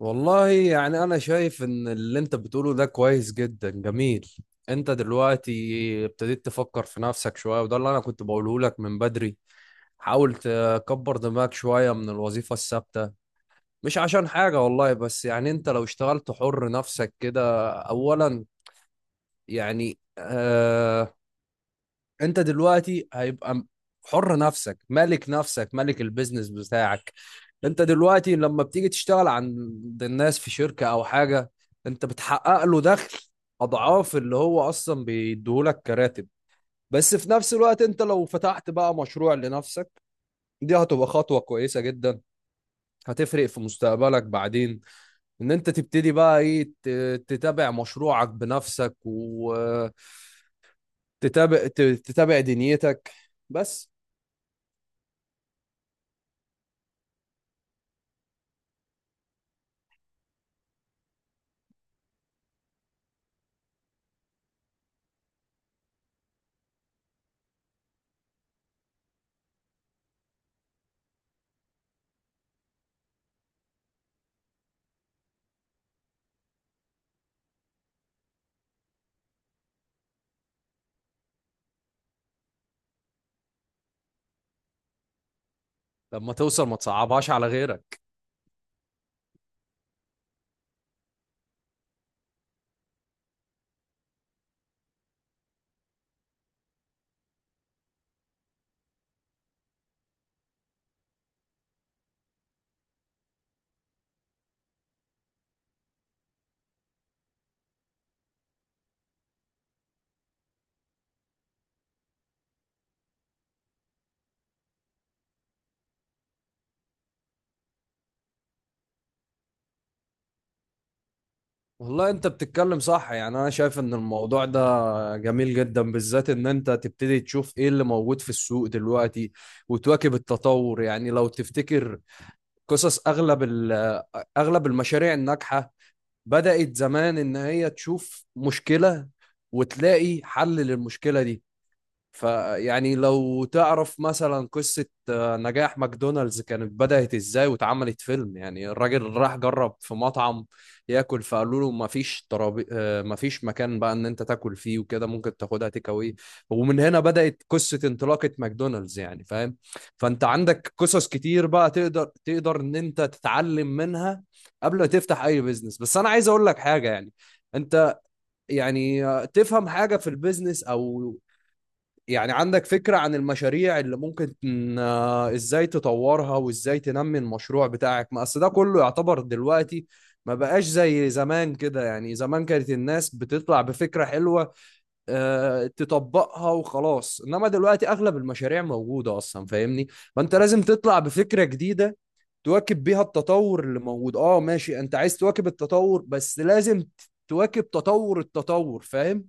والله يعني أنا شايف إن اللي أنت بتقوله ده كويس جدا جميل. أنت دلوقتي ابتديت تفكر في نفسك شوية، وده اللي أنا كنت بقوله لك من بدري. حاول تكبر دماغك شوية من الوظيفة الثابتة. مش عشان حاجة والله، بس يعني أنت لو اشتغلت حر نفسك كده أولا، يعني أنت دلوقتي هيبقى حر نفسك، مالك نفسك، مالك البيزنس بتاعك. انت دلوقتي لما بتيجي تشتغل عند الناس في شركة او حاجة، انت بتحقق له دخل اضعاف اللي هو اصلا بيديهولك كراتب. بس في نفس الوقت انت لو فتحت بقى مشروع لنفسك، دي هتبقى خطوة كويسة جدا، هتفرق في مستقبلك بعدين. ان انت تبتدي بقى ايه، تتابع مشروعك بنفسك، وتتابع دنيتك بس. لما توصل ما تصعبهاش على غيرك. والله انت بتتكلم صح، يعني انا شايف ان الموضوع ده جميل جدا، بالذات ان انت تبتدي تشوف ايه اللي موجود في السوق دلوقتي وتواكب التطور. يعني لو تفتكر قصص اغلب اغلب المشاريع الناجحة، بدأت زمان ان هي تشوف مشكلة وتلاقي حل للمشكلة دي. فيعني لو تعرف مثلا قصة نجاح ماكدونالدز كانت بدأت ازاي، واتعملت فيلم. يعني الراجل راح جرب في مطعم ياكل، فقالوا له مفيش ترابي، مفيش مكان بقى ان انت تاكل فيه وكده، ممكن تاخدها تيك اواي. ومن هنا بدأت قصة انطلاقة ماكدونالدز، يعني فاهم؟ فانت عندك قصص كتير بقى، تقدر ان انت تتعلم منها قبل ما تفتح اي بيزنس. بس انا عايز اقول لك حاجة. يعني انت، يعني تفهم حاجة في البيزنس، او يعني عندك فكرة عن المشاريع اللي ممكن ازاي تطورها وازاي تنمي المشروع بتاعك. ما اصل ده كله يعتبر دلوقتي ما بقاش زي زمان كده. يعني زمان كانت الناس بتطلع بفكرة حلوة تطبقها وخلاص، انما دلوقتي اغلب المشاريع موجودة اصلا، فاهمني؟ فانت لازم تطلع بفكرة جديدة، تواكب بيها التطور اللي موجود. اه ماشي، انت عايز تواكب التطور، بس لازم تواكب تطور التطور، فاهم؟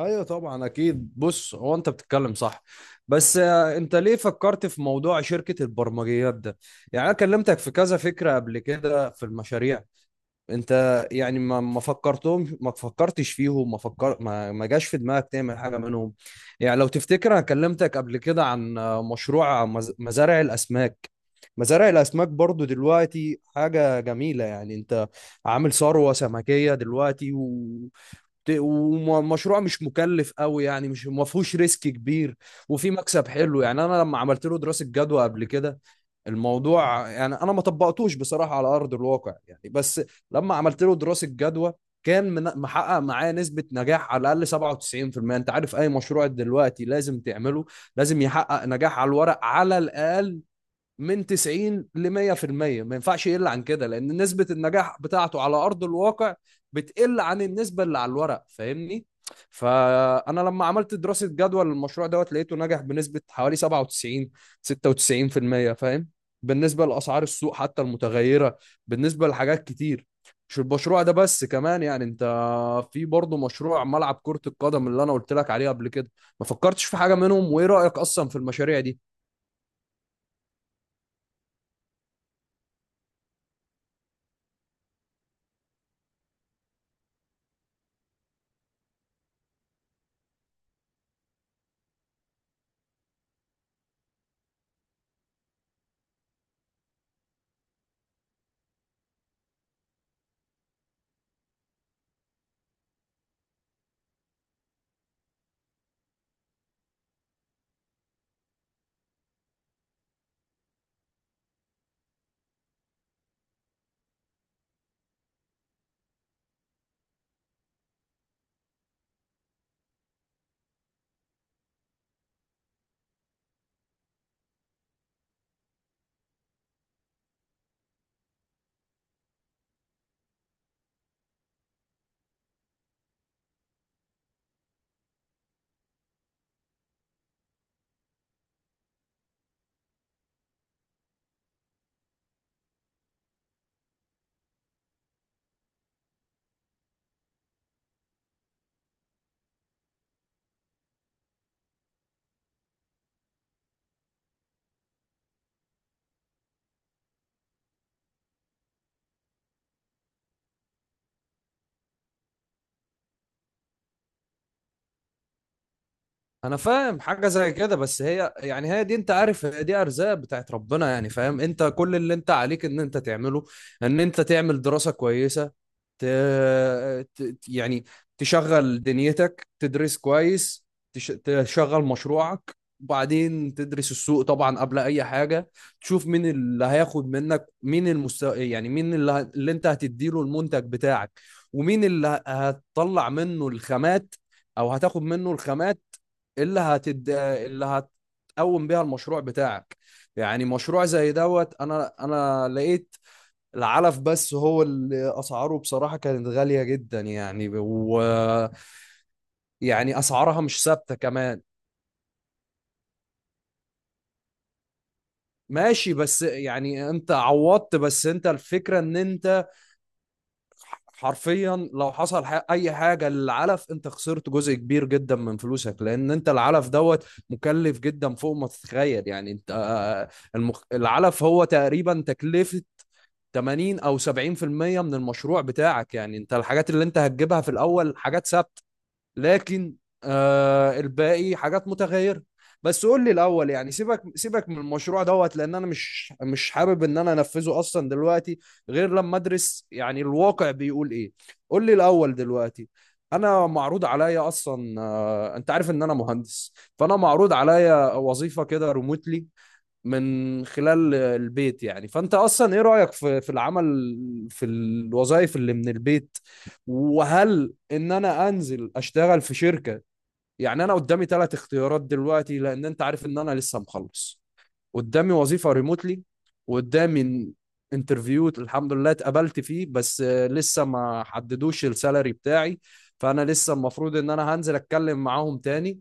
ايوه طبعا اكيد. بص، هو انت بتتكلم صح، بس انت ليه فكرت في موضوع شركة البرمجيات ده؟ يعني انا كلمتك في كذا فكرة قبل كده في المشاريع. انت يعني ما فكرتهمش، ما فكرتش فيهم، ما فكر ما, ما جاش في دماغك تعمل حاجة منهم. يعني لو تفتكر انا كلمتك قبل كده عن مشروع مزارع الاسماك. مزارع الاسماك برضو دلوقتي حاجة جميلة، يعني انت عامل ثروة سمكية دلوقتي. ومشروع مش مكلف قوي، يعني مش ما فيهوش ريسك كبير، وفي مكسب حلو. يعني انا لما عملت له دراسه جدوى قبل كده، الموضوع يعني انا ما طبقتوش بصراحه على ارض الواقع يعني، بس لما عملت له دراسه جدوى كان محقق معايا نسبة نجاح على الأقل 97%. أنت عارف أي مشروع دلوقتي لازم تعمله، لازم يحقق نجاح على الورق على الأقل من 90 ل 100%. ما ينفعش يقل عن كده، لان نسبة النجاح بتاعته على ارض الواقع بتقل عن النسبة اللي على الورق، فاهمني؟ فانا لما عملت دراسة جدوى للمشروع دوت، لقيته نجح بنسبة حوالي 97، 96%، فاهم؟ بالنسبة لاسعار السوق حتى المتغيرة، بالنسبة لحاجات كتير، مش المشروع ده بس كمان. يعني انت، في برضه مشروع ملعب كرة القدم اللي انا قلت لك عليه قبل كده، ما فكرتش في حاجة منهم، وايه رأيك اصلا في المشاريع دي؟ انا فاهم حاجه زي كده، بس هي يعني هي دي، انت عارف، هي دي ارزاق بتاعت ربنا، يعني فاهم؟ انت كل اللي انت عليك ان انت تعمله، ان انت تعمل دراسه كويسه، ت... يعني تشغل دنيتك، تدرس كويس، تشغل مشروعك، وبعدين تدرس السوق طبعا قبل اي حاجه. تشوف مين اللي هياخد منك، مين المستوى، يعني مين اللي انت هتديله المنتج بتاعك، ومين اللي هتطلع منه الخامات او هتاخد منه الخامات، اللي اللي هتقوم بيها المشروع بتاعك. يعني مشروع زي دوت، انا لقيت العلف بس هو اللي اسعاره بصراحه كانت غاليه جدا يعني، و يعني اسعارها مش ثابته كمان. ماشي، بس يعني انت عوضت، بس انت الفكره ان انت حرفيا لو حصل اي حاجه للعلف، انت خسرت جزء كبير جدا من فلوسك، لان انت العلف دوت مكلف جدا فوق ما تتخيل. يعني انت العلف هو تقريبا تكلفه 80 او 70% من المشروع بتاعك. يعني انت الحاجات اللي انت هتجيبها في الاول حاجات ثابته، لكن الباقي حاجات متغيرة. بس قول لي الأول، يعني سيبك سيبك من المشروع دوت، لأن أنا مش حابب إن أنا أنفذه أصلا دلوقتي، غير لما أدرس يعني الواقع بيقول إيه. قول لي الأول دلوقتي. أنا معروض عليا أصلا، أنت عارف إن أنا مهندس. فأنا معروض عليا وظيفة كده ريموتلي من خلال البيت. يعني فانت اصلا ايه رايك في العمل، في الوظائف اللي من البيت؟ وهل ان انا انزل اشتغل في شركه؟ يعني انا قدامي ثلاث اختيارات دلوقتي، لان انت عارف ان انا لسه مخلص. قدامي وظيفه ريموتلي، وقدامي انترفيو الحمد لله اتقبلت فيه، بس لسه ما حددوش السالري بتاعي. فانا لسه المفروض ان انا هنزل اتكلم معاهم تاني.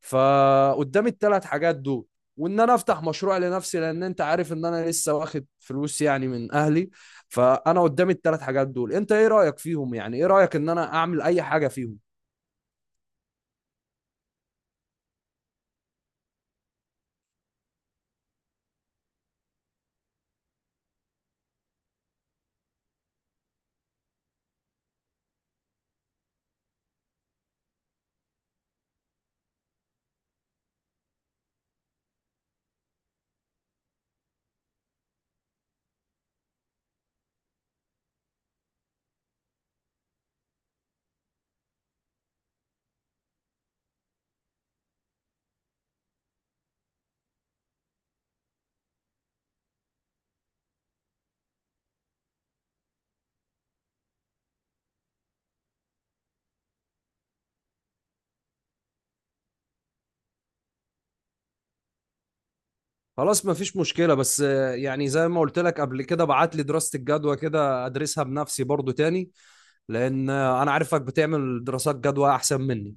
فقدامي الثلاث حاجات دول، وان انا افتح مشروع لنفسي لان انت عارف ان انا لسه واخد فلوس يعني من اهلي. فانا قدامي الثلاث حاجات دول، انت ايه رايك فيهم؟ يعني ايه رايك ان انا اعمل اي حاجه فيهم؟ خلاص مفيش مشكله، بس يعني زي ما قلت لك قبل كده، بعت لي دراسه الجدوى كده، ادرسها بنفسي برضو تاني. لان انا عارفك بتعمل دراسات جدوى احسن مني.